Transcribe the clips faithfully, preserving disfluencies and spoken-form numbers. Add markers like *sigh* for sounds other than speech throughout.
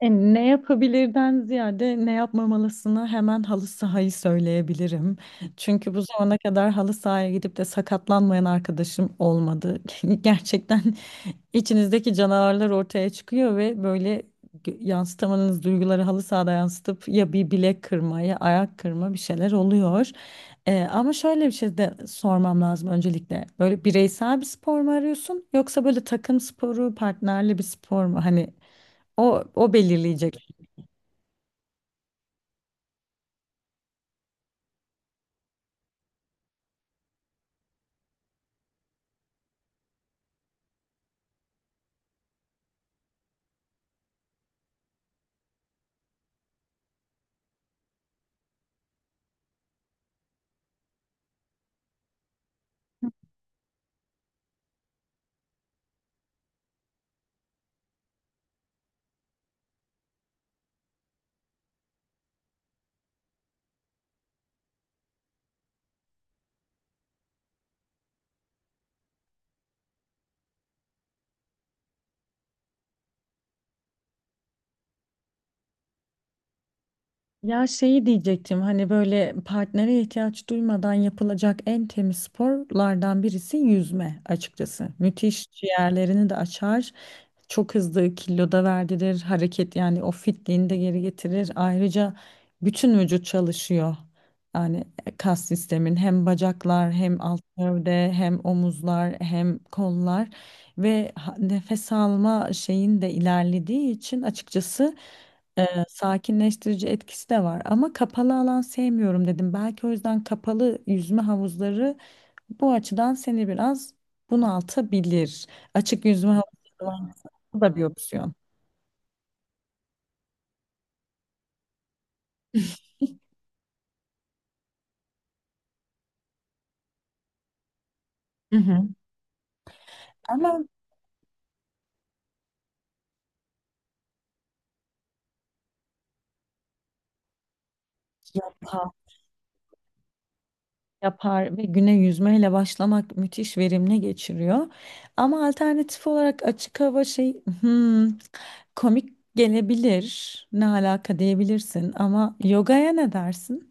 E, ne yapabilirden ziyade ne yapmamalısını hemen halı sahayı söyleyebilirim. Çünkü bu zamana kadar halı sahaya gidip de sakatlanmayan arkadaşım olmadı. *laughs* Gerçekten içinizdeki canavarlar ortaya çıkıyor ve böyle gö- yansıtamadığınız duyguları halı sahada yansıtıp ya bir bilek kırma ya ayak kırma bir şeyler oluyor. E, ama şöyle bir şey de sormam lazım öncelikle. Böyle bireysel bir spor mu arıyorsun yoksa böyle takım sporu, partnerli bir spor mu? Hani o, o belirleyecek. Ya şeyi diyecektim, hani böyle partnere ihtiyaç duymadan yapılacak en temiz sporlardan birisi yüzme açıkçası. Müthiş ciğerlerini de açar. Çok hızlı kilo da verdirir. Hareket, yani o fitliğini de geri getirir. Ayrıca bütün vücut çalışıyor. Yani kas sistemin, hem bacaklar hem alt gövde hem omuzlar hem kollar ve ha- nefes alma şeyin de ilerlediği için açıkçası sakinleştirici etkisi de var, ama kapalı alan sevmiyorum dedim. Belki o yüzden kapalı yüzme havuzları bu açıdan seni biraz bunaltabilir. Açık yüzme havuzları var mesela. Bu da bir opsiyon. Hı hı. Ama kamp yapar ve güne yüzmeyle başlamak müthiş verimli geçiriyor. Ama alternatif olarak açık hava şey, hmm, komik gelebilir. Ne alaka diyebilirsin ama yogaya ne dersin?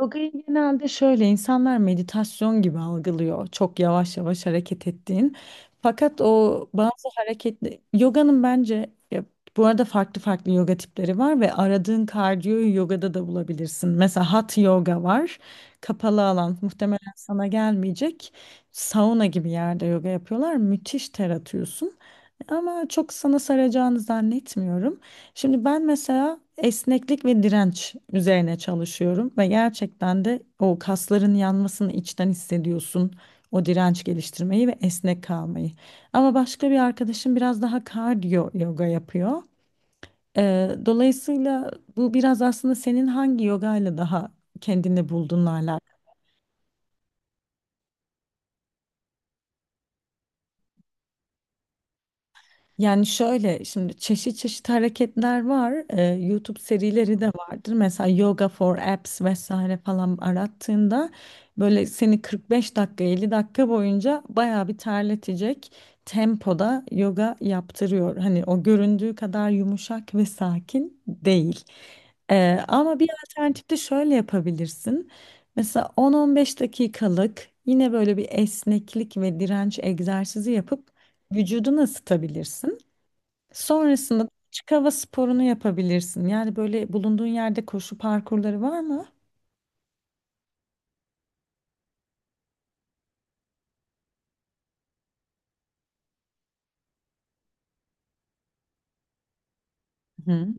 Yoga'yı genelde şöyle insanlar meditasyon gibi algılıyor. Çok yavaş yavaş hareket ettiğin. Fakat o bazı hareketli yoganın bence ya, bu arada farklı farklı yoga tipleri var ve aradığın kardiyoyu yogada da bulabilirsin. Mesela hot yoga var. Kapalı alan muhtemelen sana gelmeyecek. Sauna gibi yerde yoga yapıyorlar. Müthiş ter atıyorsun. Ama çok sana saracağını zannetmiyorum. Şimdi ben mesela esneklik ve direnç üzerine çalışıyorum ve gerçekten de o kasların yanmasını içten hissediyorsun. O direnç geliştirmeyi ve esnek kalmayı. Ama başka bir arkadaşım biraz daha kardiyo yoga yapıyor. Ee, dolayısıyla bu biraz aslında senin hangi yogayla daha kendini bulduğunla alakalı. Yani şöyle, şimdi çeşit çeşit hareketler var. Ee, YouTube serileri de vardır. Mesela Yoga for Apps vesaire falan arattığında böyle seni kırk beş dakika elli dakika boyunca bayağı bir terletecek tempoda yoga yaptırıyor. Hani o göründüğü kadar yumuşak ve sakin değil. Ee, ama bir alternatif de şöyle yapabilirsin. Mesela on on beş dakikalık yine böyle bir esneklik ve direnç egzersizi yapıp vücudunu ısıtabilirsin. Sonrasında da açık hava sporunu yapabilirsin. Yani böyle bulunduğun yerde koşu parkurları var mı? Hı.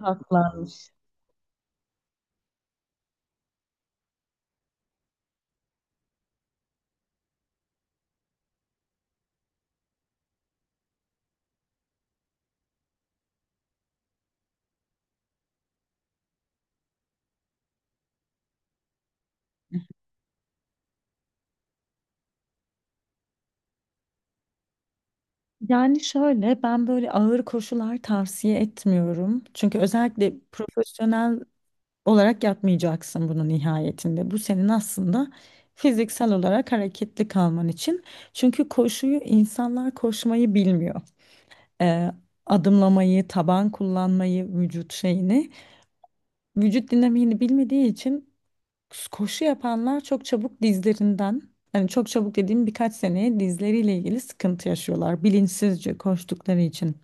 Saklanmış. Yani şöyle, ben böyle ağır koşular tavsiye etmiyorum. Çünkü özellikle profesyonel olarak yapmayacaksın bunu nihayetinde. Bu senin aslında fiziksel olarak hareketli kalman için. Çünkü koşuyu insanlar, koşmayı bilmiyor. Ee, Adımlamayı, taban kullanmayı, vücut şeyini, vücut dinamiğini bilmediği için koşu yapanlar çok çabuk dizlerinden, hani çok çabuk dediğim birkaç seneye dizleriyle ilgili sıkıntı yaşıyorlar bilinçsizce koştukları için.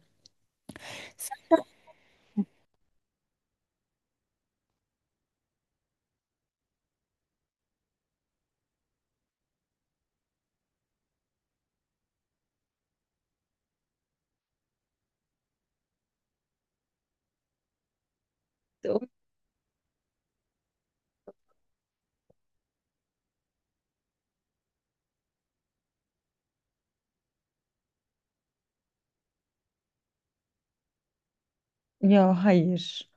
Ya hayır.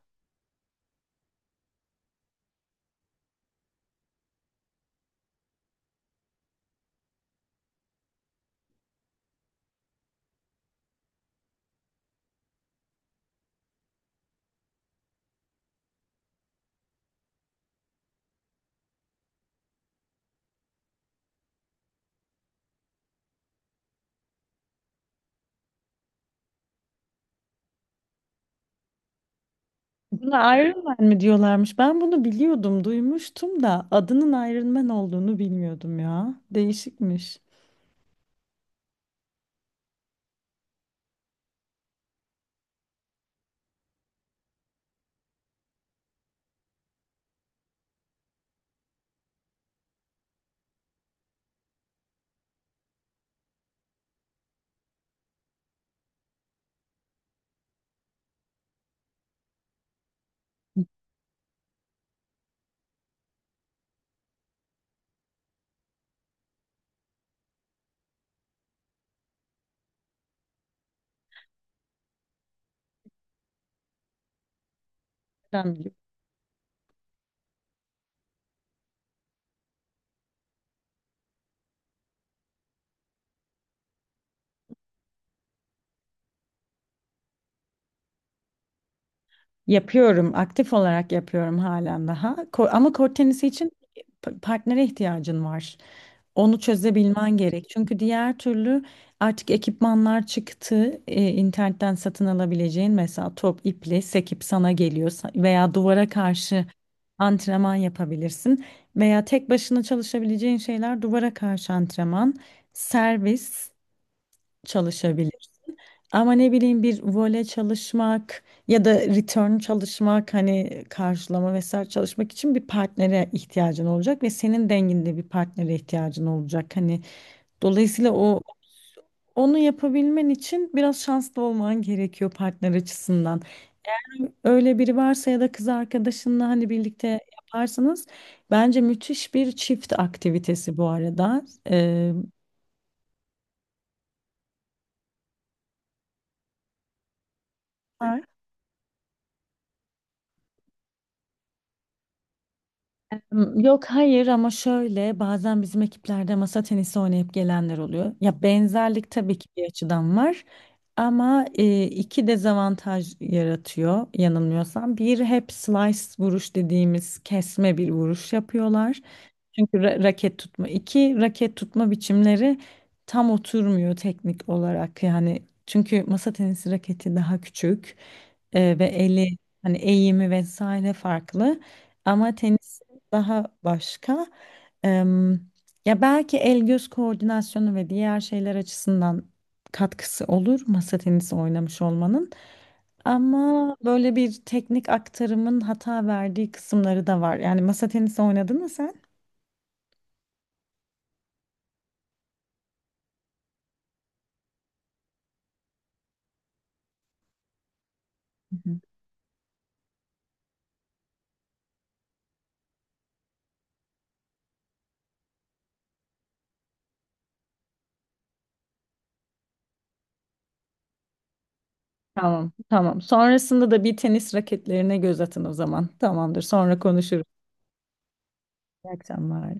Buna Iron Man mi diyorlarmış? Ben bunu biliyordum, duymuştum da adının Iron Man olduğunu bilmiyordum ya. Değişikmiş. Ben yapıyorum, aktif olarak yapıyorum halen daha. Ko- ama kort tenisi için pa- partnere ihtiyacın var. Onu çözebilmen gerek. Çünkü diğer türlü artık ekipmanlar çıktı. Ee, internetten satın alabileceğin mesela top, iple sekip sana geliyor, Sa- veya duvara karşı antrenman yapabilirsin, veya tek başına çalışabileceğin şeyler, duvara karşı antrenman, servis çalışabilirsin. Ama ne bileyim, bir vole çalışmak ya da return çalışmak, hani karşılama vesaire çalışmak için bir partnere ihtiyacın olacak ve senin denginde bir partnere ihtiyacın olacak. Hani dolayısıyla o onu yapabilmen için biraz şanslı olman gerekiyor partner açısından. Öyle biri varsa ya da kız arkadaşınla hani birlikte yaparsanız bence müthiş bir çift aktivitesi bu arada. Ee, Yok, hayır, ama şöyle bazen bizim ekiplerde masa tenisi oynayıp gelenler oluyor. Ya benzerlik tabii ki bir açıdan var ama e, iki dezavantaj yaratıyor yanılmıyorsam. Bir, hep slice vuruş dediğimiz kesme bir vuruş yapıyorlar. Çünkü ra- raket tutma, iki raket tutma biçimleri tam oturmuyor teknik olarak. Yani çünkü masa tenisi raketi daha küçük e, ve eli, hani eğimi vesaire farklı. Ama tenis daha başka. Em, Ya belki el göz koordinasyonu ve diğer şeyler açısından katkısı olur masa tenisi oynamış olmanın. Ama böyle bir teknik aktarımın hata verdiği kısımları da var. Yani masa tenisi oynadın mı sen? Hı hı. Tamam, tamam. Sonrasında da bir tenis raketlerine göz atın o zaman. Tamamdır. Sonra konuşuruz. İyi akşamlar.